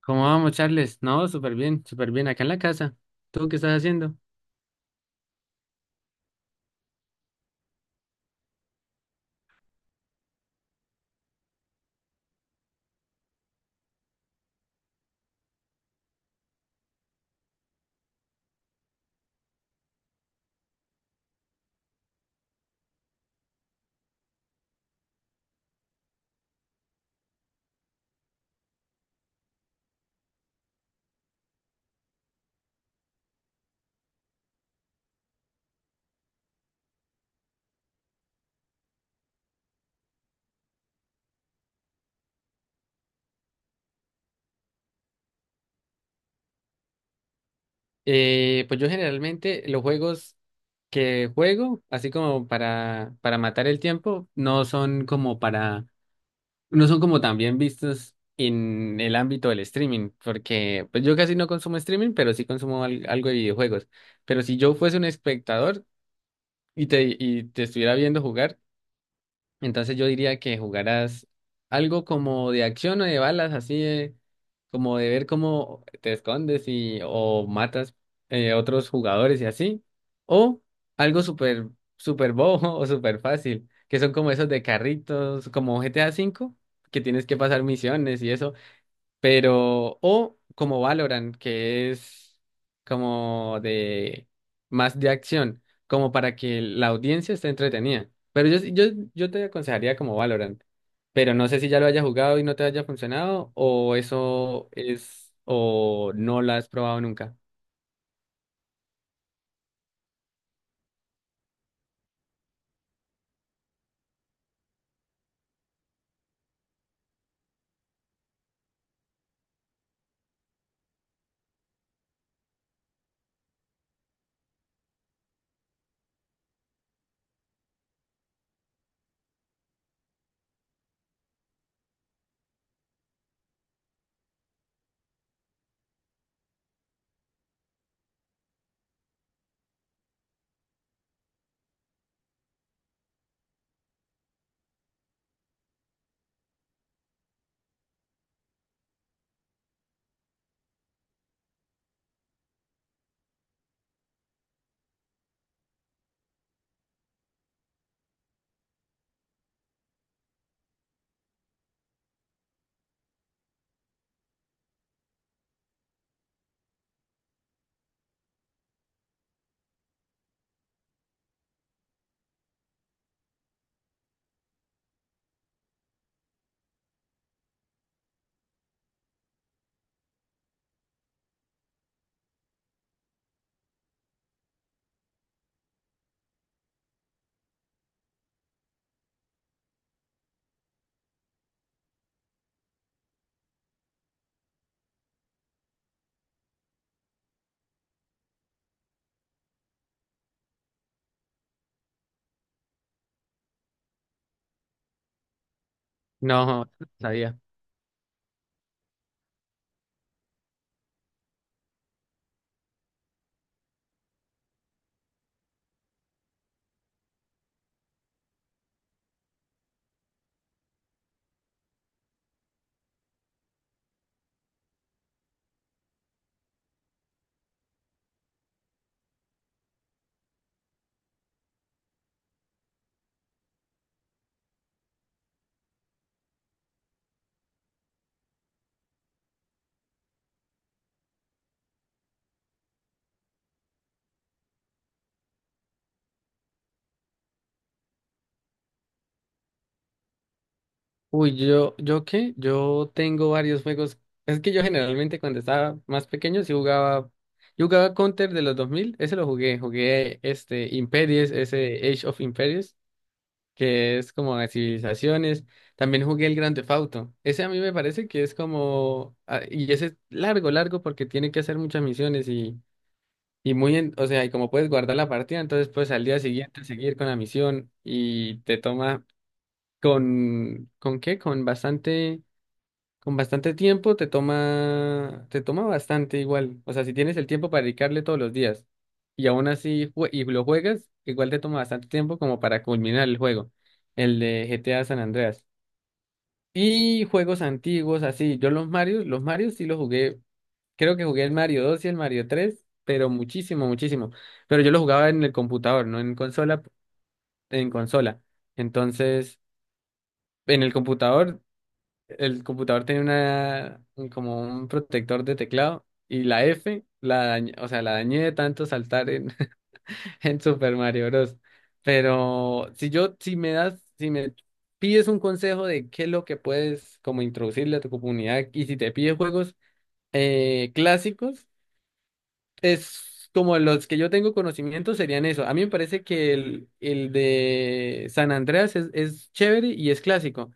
¿Cómo vamos, Charles? No, súper bien, súper bien. Acá en la casa. ¿Tú qué estás haciendo? Pues yo generalmente los juegos que juego, así como para matar el tiempo, no son como no son como tan bien vistos en el ámbito del streaming, porque pues yo casi no consumo streaming, pero sí consumo algo de videojuegos. Pero si yo fuese un espectador y te estuviera viendo jugar, entonces yo diría que jugaras algo como de acción o de balas, como de ver cómo te escondes y o matas otros jugadores y así. O algo súper bobo o súper fácil, que son como esos de carritos, como GTA cinco que tienes que pasar misiones y eso. Pero, o como Valorant, que es como de más de acción, como para que la audiencia esté entretenida. Pero yo, yo te aconsejaría como Valorant. Pero no sé si ya lo hayas jugado y no te haya funcionado, o eso es, o no lo has probado nunca. No, no sabía. Uy, yo, ¿yo qué? Yo tengo varios juegos. Es que yo generalmente cuando estaba más pequeño sí jugaba, yo jugaba Counter de los 2000. Ese lo jugué, jugué este Imperials, ese Age of Imperials, que es como de civilizaciones. También jugué el Grand Theft Auto. Ese a mí me parece que es como, ah, y ese es largo, largo porque tiene que hacer muchas misiones y muy, o sea, y como puedes guardar la partida, entonces puedes al día siguiente seguir con la misión y te toma ¿con qué? con bastante con bastante tiempo te toma bastante igual. O sea, si tienes el tiempo para dedicarle todos los días y aún así y lo juegas, igual te toma bastante tiempo como para culminar el juego, el de GTA San Andreas. Y juegos antiguos, así, yo los Marios sí los jugué, creo que jugué el Mario 2 y el Mario 3, pero muchísimo, muchísimo. Pero yo los jugaba en el computador, no en consola, en consola. Entonces, en el computador. El computador tenía como un protector de teclado y la F, o sea, la dañé de tanto saltar en, en Super Mario Bros. Pero si me das, si me pides un consejo de qué es lo que puedes como introducirle a tu comunidad y si te pides juegos clásicos, es como los que yo tengo conocimiento serían eso. A mí me parece que el de San Andreas es chévere y es clásico.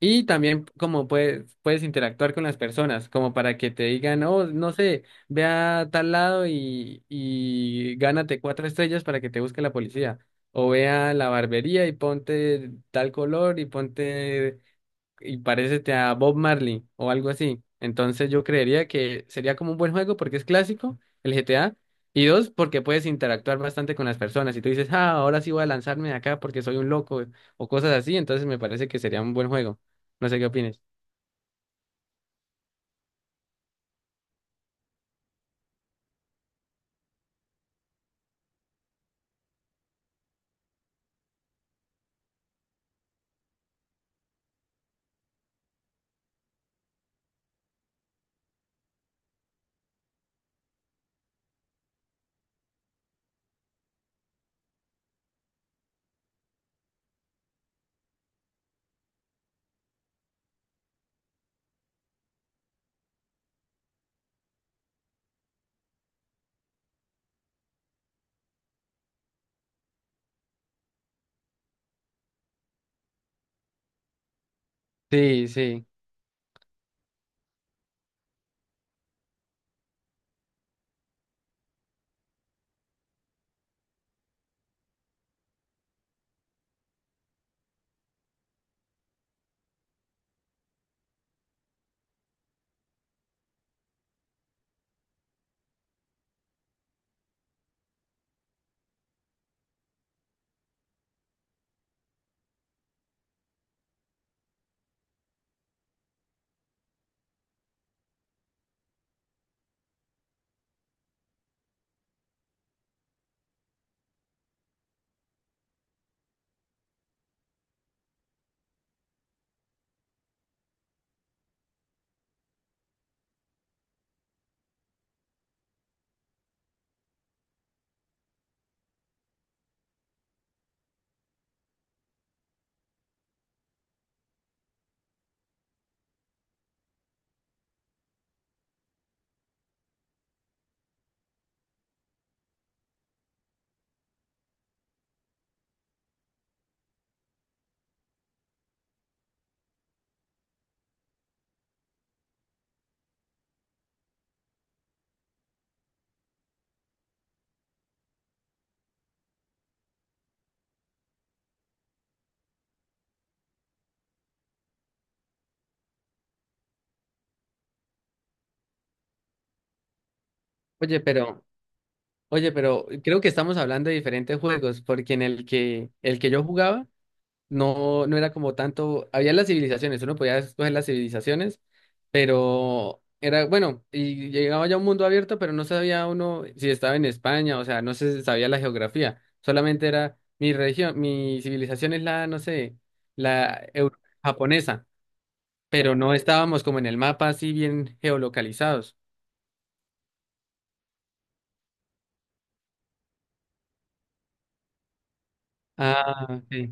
Y también como puedes interactuar con las personas, como para que te digan, oh, no sé, ve a tal lado y gánate cuatro estrellas para que te busque la policía. O ve a la barbería y ponte tal color y ponte y parécete a Bob Marley o algo así. Entonces yo creería que sería como un buen juego porque es clásico, el GTA, y dos, porque puedes interactuar bastante con las personas. Y tú dices, ah, ahora sí voy a lanzarme de acá porque soy un loco o cosas así, entonces me parece que sería un buen juego. No sé qué opines. Sí, sí. Oye, pero, oye, pero creo que estamos hablando de diferentes juegos, porque en el que yo jugaba no, no era como tanto, había las civilizaciones, uno podía escoger las civilizaciones, pero era, bueno, y llegaba ya a un mundo abierto, pero no sabía uno si estaba en España, o sea, no se sabía la geografía, solamente era mi región, mi civilización es la, no sé, japonesa, pero no estábamos como en el mapa así bien geolocalizados. Ah, ok.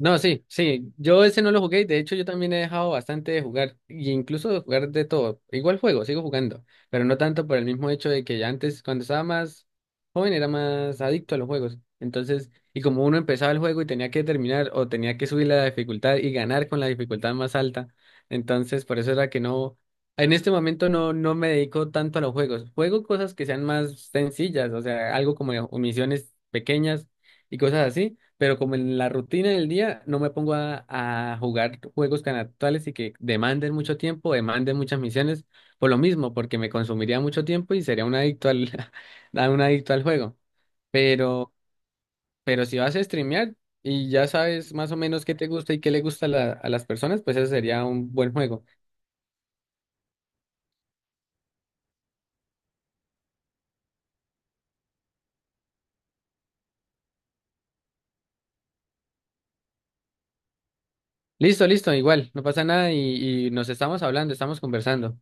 No, sí, sí, yo ese no lo jugué, y de hecho yo también he dejado bastante de jugar, y incluso de jugar de todo, igual juego, sigo jugando, pero no tanto por el mismo hecho de que ya antes, cuando estaba más joven, era más adicto a los juegos, entonces, y como uno empezaba el juego y tenía que terminar, o tenía que subir la dificultad y ganar con la dificultad más alta, entonces por eso era que no, en este momento no, no me dedico tanto a los juegos, juego cosas que sean más sencillas, o sea, algo como misiones pequeñas y cosas así pero como en la rutina del día no me pongo a jugar juegos tan actuales y que demanden mucho tiempo, demanden muchas misiones, por lo mismo, porque me consumiría mucho tiempo y sería un adicto a un adicto al juego. Pero, pero si vas a streamear y ya sabes más o menos qué te gusta y qué le gusta a las personas, pues eso sería un buen juego. Listo, listo, igual, no pasa nada y nos estamos hablando, estamos conversando.